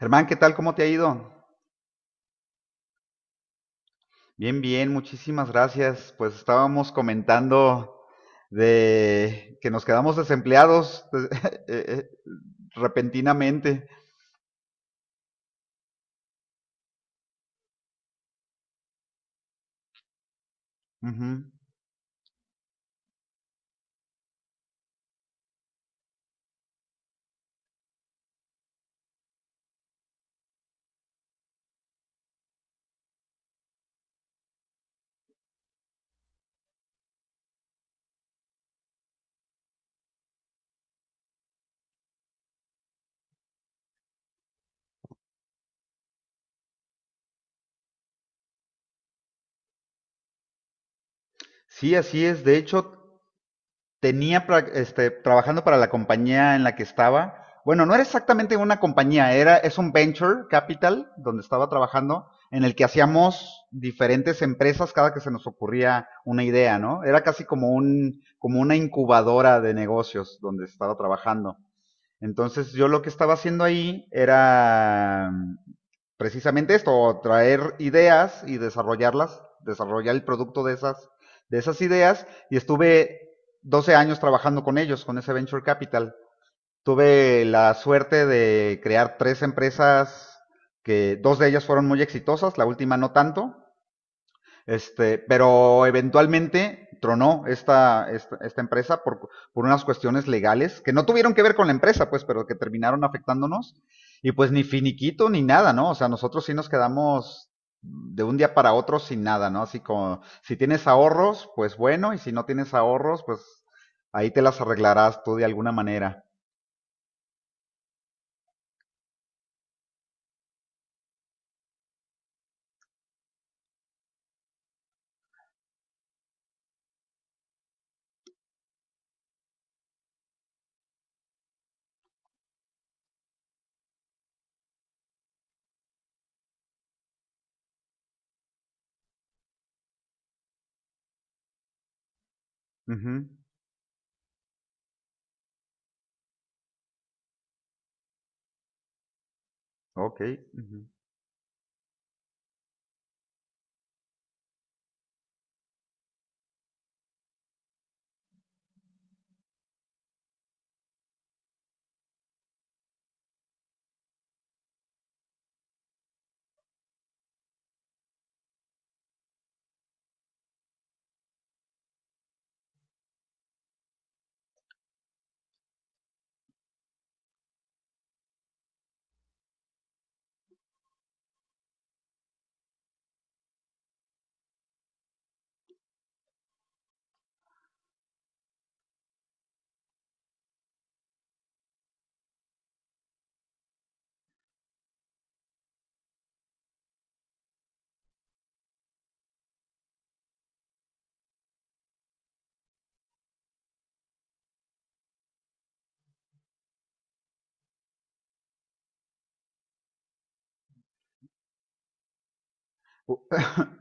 Germán, ¿qué tal? ¿Cómo te ha ido? Bien, bien, muchísimas gracias. Pues estábamos comentando de que nos quedamos desempleados eh, eh, repentinamente. Ujú. Sí, así es. De hecho, tenía trabajando para la compañía en la que estaba. Bueno, no era exactamente una compañía, era, es un venture capital donde estaba trabajando, en el que hacíamos diferentes empresas cada que se nos ocurría una idea, ¿no? Era casi como como una incubadora de negocios donde estaba trabajando. Entonces yo lo que estaba haciendo ahí era precisamente esto, traer ideas y desarrollarlas, desarrollar el producto de esas ideas y estuve 12 años trabajando con ellos, con ese Venture Capital. Tuve la suerte de crear tres empresas que dos de ellas fueron muy exitosas, la última no tanto, pero eventualmente tronó esta empresa por unas cuestiones legales que no tuvieron que ver con la empresa, pues, pero que terminaron afectándonos. Y pues ni finiquito ni nada, ¿no? O sea, nosotros sí nos quedamos de un día para otro sin nada, ¿no? Así como, si tienes ahorros, pues bueno, y si no tienes ahorros, pues ahí te las arreglarás tú de alguna manera. Ujú. Ok. Ujú.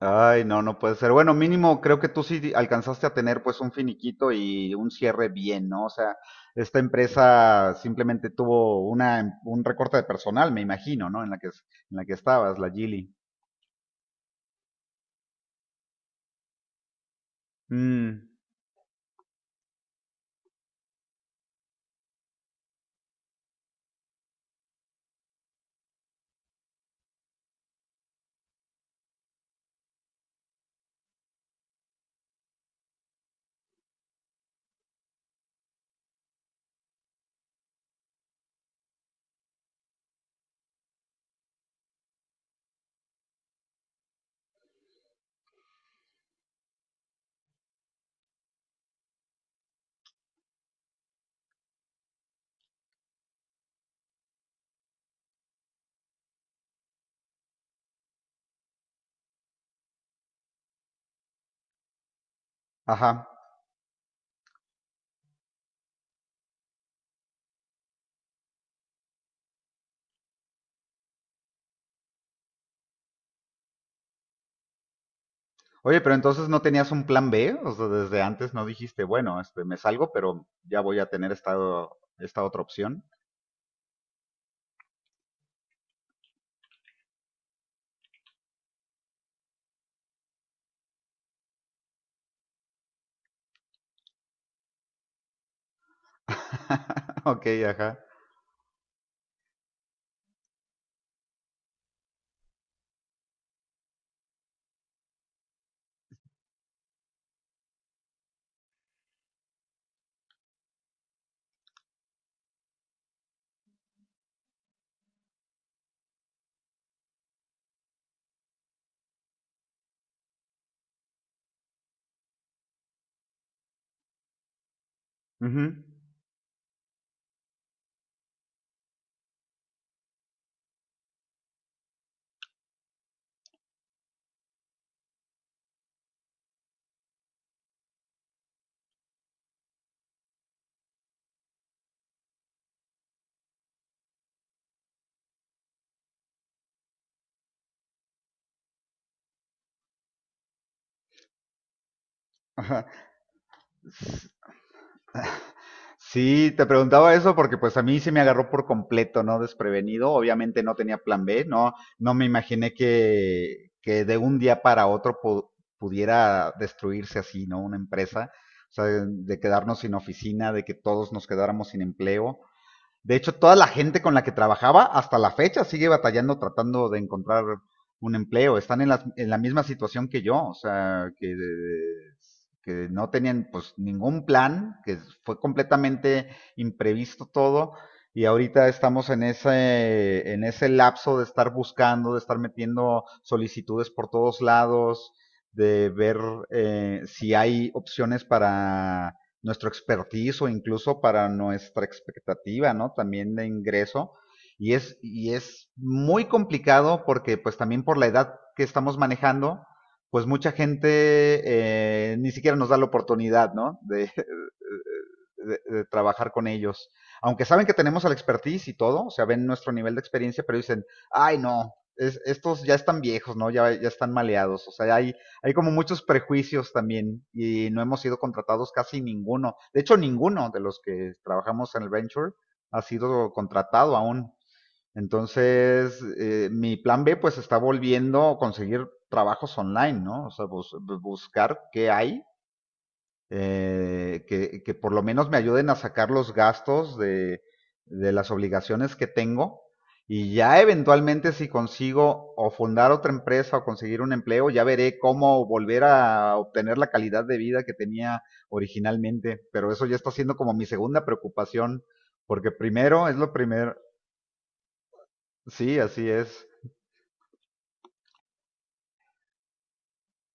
Ay, no, no puede ser. Bueno, mínimo creo que tú sí alcanzaste a tener pues un finiquito y un cierre bien, ¿no? O sea, esta empresa simplemente tuvo un recorte de personal, me imagino, ¿no? En la que estabas, la Gili. Mm. Ajá. Oye, pero entonces no tenías un plan B, o sea, desde antes no dijiste, bueno, este, me salgo, pero ya voy a tener esta otra opción. Ok, ajá. Ujú. Sí, te preguntaba eso porque pues a mí se me agarró por completo, ¿no? Desprevenido. Obviamente no tenía plan B, no me imaginé que de un día para otro pudiera destruirse así, ¿no? Una empresa, o sea, de quedarnos sin oficina, de que todos nos quedáramos sin empleo. De hecho, toda la gente con la que trabajaba hasta la fecha sigue batallando tratando de encontrar un empleo. Están en la misma situación que yo, o sea, que no tenían pues ningún plan, que fue completamente imprevisto todo y ahorita estamos en ese lapso de estar buscando, de estar metiendo solicitudes por todos lados, de ver si hay opciones para nuestro expertise o incluso para nuestra expectativa, ¿no? También de ingreso. Y es muy complicado porque pues también por la edad que estamos manejando, pues mucha gente ni siquiera nos da la oportunidad, ¿no? De, trabajar con ellos. Aunque saben que tenemos el expertise y todo, o sea, ven nuestro nivel de experiencia, pero dicen, ay no, es, estos ya están viejos, ¿no? Ya, ya están maleados. O sea, hay como muchos prejuicios también y no hemos sido contratados casi ninguno. De hecho, ninguno de los que trabajamos en el venture ha sido contratado aún. Entonces, mi plan B pues está volviendo a conseguir trabajos online, ¿no? O sea, buscar qué hay por lo menos me ayuden a sacar los gastos de las obligaciones que tengo y ya eventualmente si consigo o fundar otra empresa o conseguir un empleo, ya veré cómo volver a obtener la calidad de vida que tenía originalmente. Pero eso ya está siendo como mi segunda preocupación, porque primero es lo primero. Sí, así es.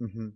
Ujú.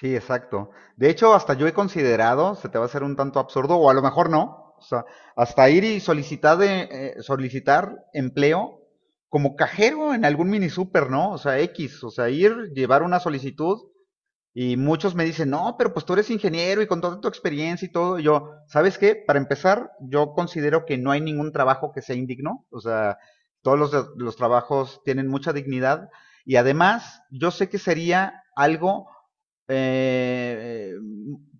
Sí, exacto. De hecho, hasta yo he considerado, se te va a hacer un tanto absurdo, o a lo mejor no, o sea, hasta ir y solicitar, solicitar empleo como cajero en algún mini super, ¿no? O sea, X, o sea, ir, llevar una solicitud y muchos me dicen, no, pero pues tú eres ingeniero y con toda tu experiencia y todo. Y yo, ¿sabes qué? Para empezar, yo considero que no hay ningún trabajo que sea indigno. O sea, todos los trabajos tienen mucha dignidad. Y además, yo sé que sería algo eh, eh,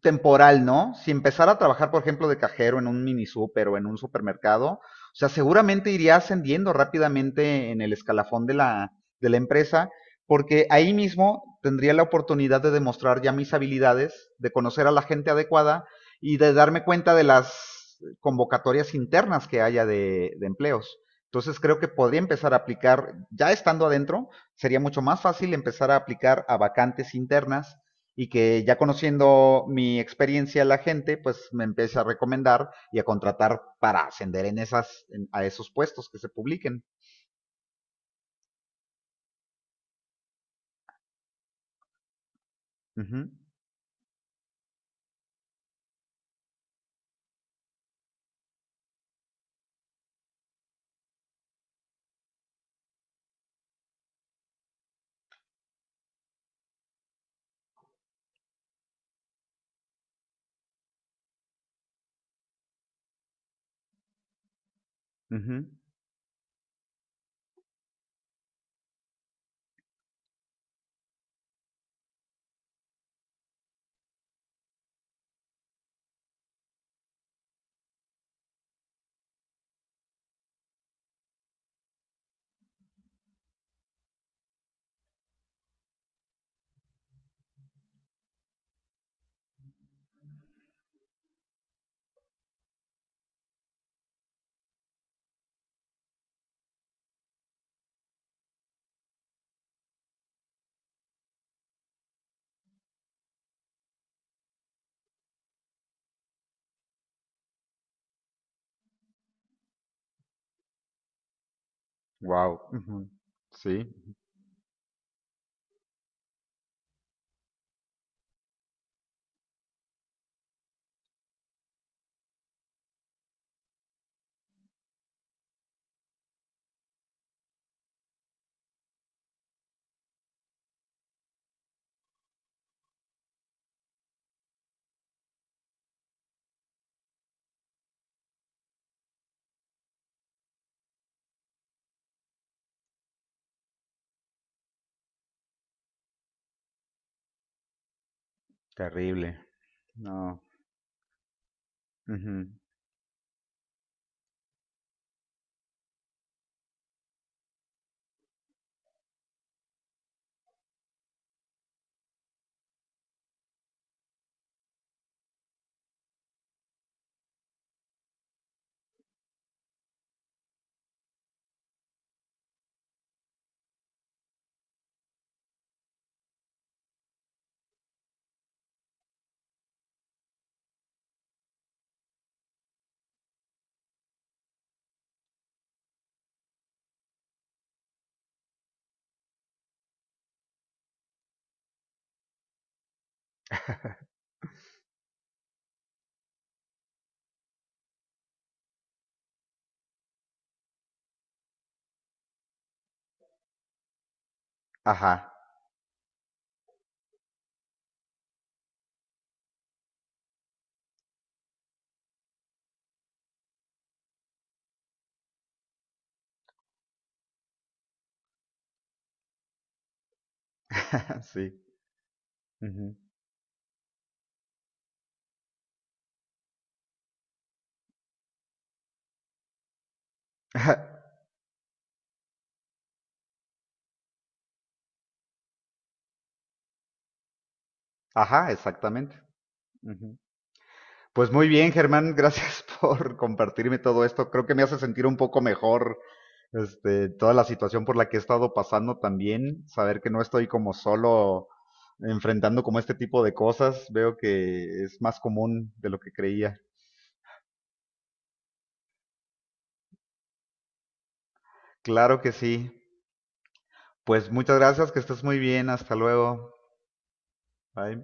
temporal, ¿no? Si empezara a trabajar, por ejemplo, de cajero en un mini super o en un supermercado, o sea, seguramente iría ascendiendo rápidamente en el escalafón de la empresa porque ahí mismo tendría la oportunidad de demostrar ya mis habilidades, de conocer a la gente adecuada y de darme cuenta de las convocatorias internas que haya de empleos. Entonces creo que podría empezar a aplicar, ya estando adentro, sería mucho más fácil empezar a aplicar a vacantes internas y que ya conociendo mi experiencia la gente, pues me empiece a recomendar y a contratar para ascender en a esos puestos que se publiquen. Ujú, ujú. Wow. Sí, terrible. No. Ujú. Ajá. Sí. Ujú. Ajá, exactamente. Ujú. Pues muy bien, Germán, gracias por compartirme todo esto. Creo que me hace sentir un poco mejor, toda la situación por la que he estado pasando también. Saber que no estoy como solo enfrentando como este tipo de cosas. Veo que es más común de lo que creía. Claro que sí. Pues muchas gracias, que estés muy bien. Hasta luego. Bye.